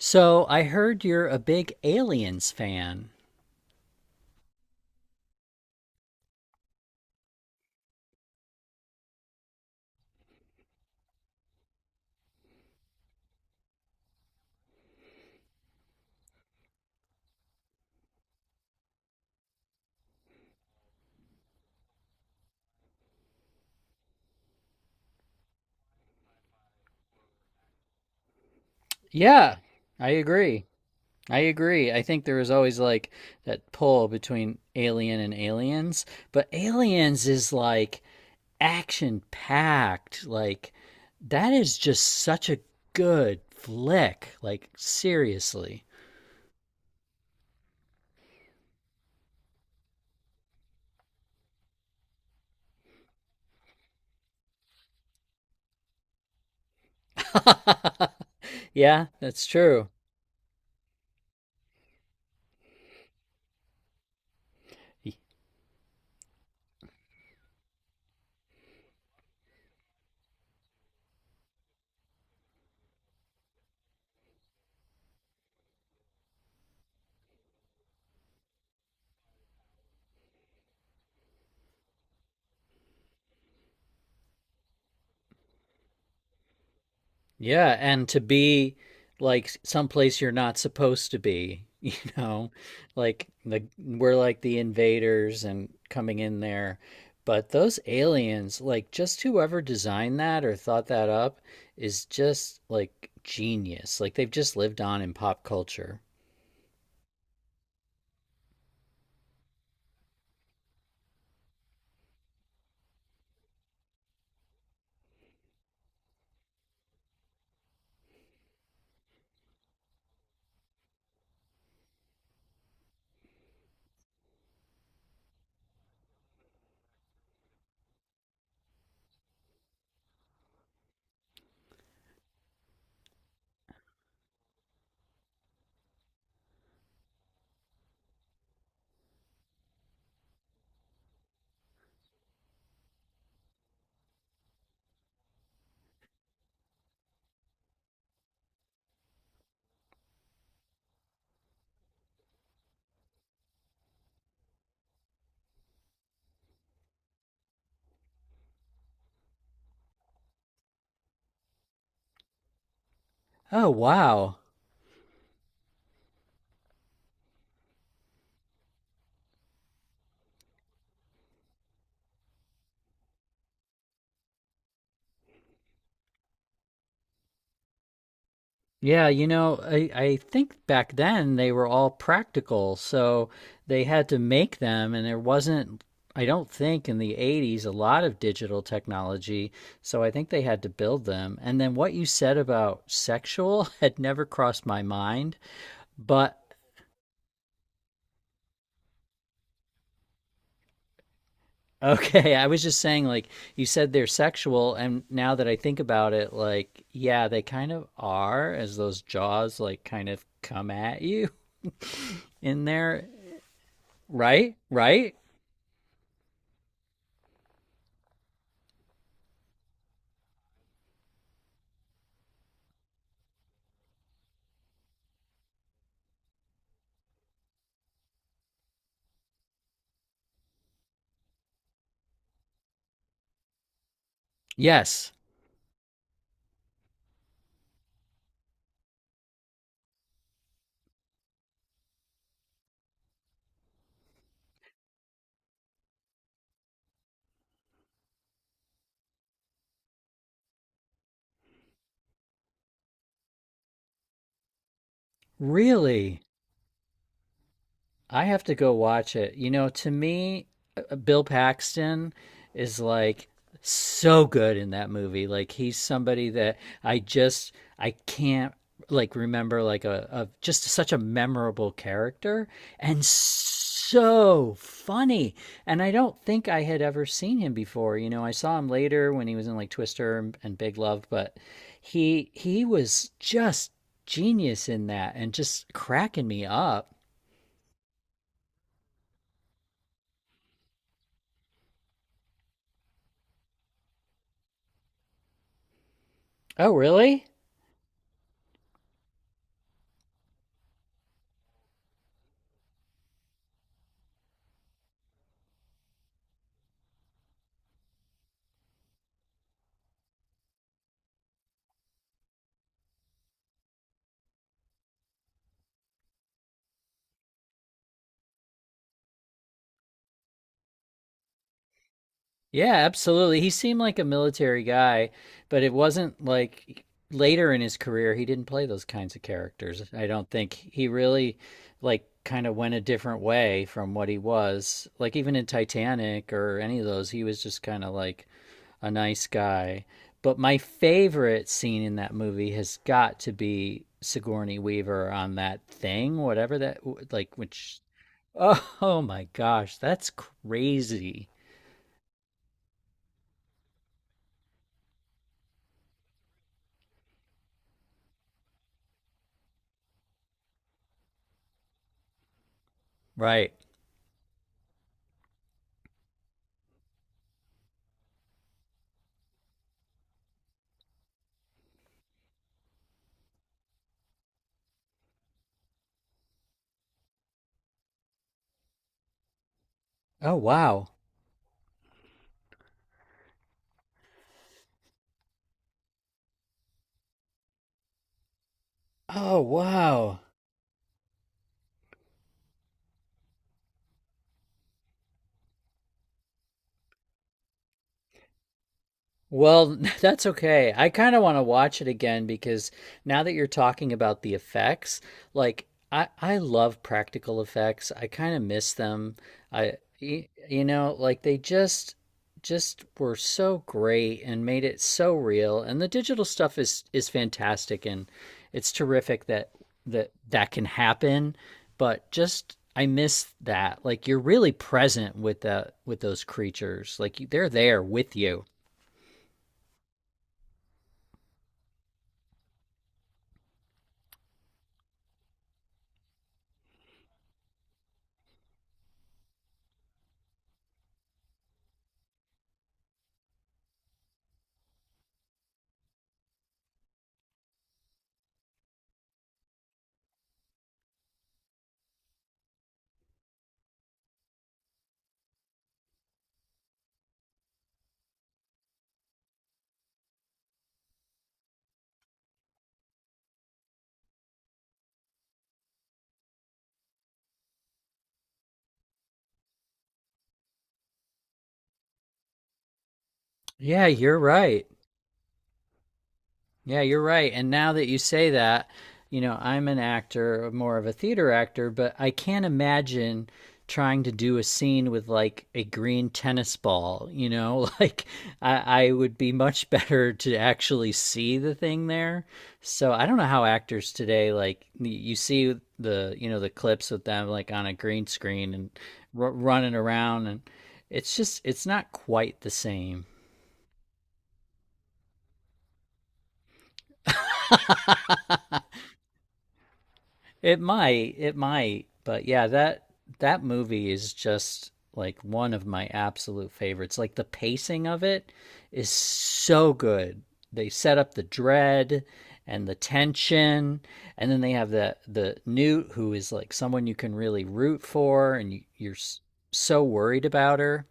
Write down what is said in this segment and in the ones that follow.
So I heard you're a big Aliens fan. Yeah, I agree. I agree. I think there was always like that pull between Alien and Aliens, but Aliens is like action packed. Like that is just such a good flick. Like seriously. Yeah, that's true. Yeah, and to be like someplace you're not supposed to be, you know, like the we're like the invaders and coming in there. But those aliens, like just whoever designed that or thought that up is just like genius. Like they've just lived on in pop culture. Oh, wow. Yeah, you know, I think back then they were all practical, so they had to make them, and there wasn't, I don't think in the 80s, a lot of digital technology, so I think they had to build them. And then what you said about sexual had never crossed my mind, but okay, I was just saying, like, you said they're sexual, and now that I think about it, like, yeah, they kind of are, as those jaws, like, kind of come at you in there, right? Right? Yes. Really? I have to go watch it. You know, to me, Bill Paxton is like so good in that movie. Like he's somebody that I just I can't like remember like a just such a memorable character and so funny. And I don't think I had ever seen him before. You know, I saw him later when he was in like Twister and Big Love, but he was just genius in that and just cracking me up. Oh, really? Yeah, absolutely. He seemed like a military guy, but it wasn't like later in his career he didn't play those kinds of characters. I don't think he really like kind of went a different way from what he was. Like even in Titanic or any of those, he was just kind of like a nice guy. But my favorite scene in that movie has got to be Sigourney Weaver on that thing, whatever that like which oh, oh my gosh, that's crazy. Right. Oh wow. Oh wow. Well, that's okay. I kind of want to watch it again because now that you're talking about the effects, like I love practical effects. I kind of miss them. I you know, like they just were so great and made it so real. And the digital stuff is fantastic and it's terrific that that can happen, but just I miss that. Like you're really present with the with those creatures. Like they're there with you. Yeah, you're right. Yeah, you're right. And now that you say that, you know, I'm an actor, more of a theater actor, but I can't imagine trying to do a scene with like a green tennis ball, you know? Like I would be much better to actually see the thing there. So I don't know how actors today like you see the, you know, the clips with them like on a green screen and r running around and it's not quite the same. But yeah, that that movie is just like one of my absolute favorites. Like the pacing of it is so good. They set up the dread and the tension, and then they have the Newt who is like someone you can really root for, and you're so worried about her.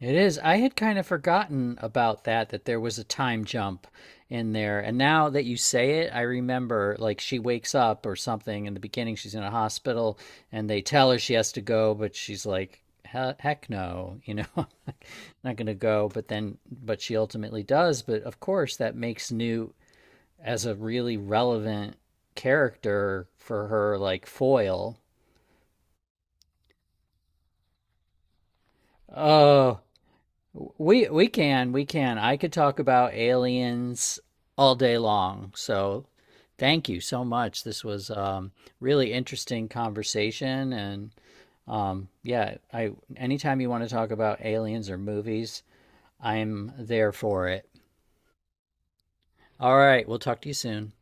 It is. I had kind of forgotten about that, that there was a time jump in there. And now that you say it, I remember like she wakes up or something in the beginning, she's in a hospital and they tell her she has to go, but she's like, heck no, you know, I'm not going to go. But then, but she ultimately does. But of course, that makes Newt as a really relevant character for her, like foil. Oh, we can. I could talk about aliens all day long. So thank you so much. This was really interesting conversation, and yeah, I anytime you want to talk about aliens or movies, I'm there for it. All right, we'll talk to you soon.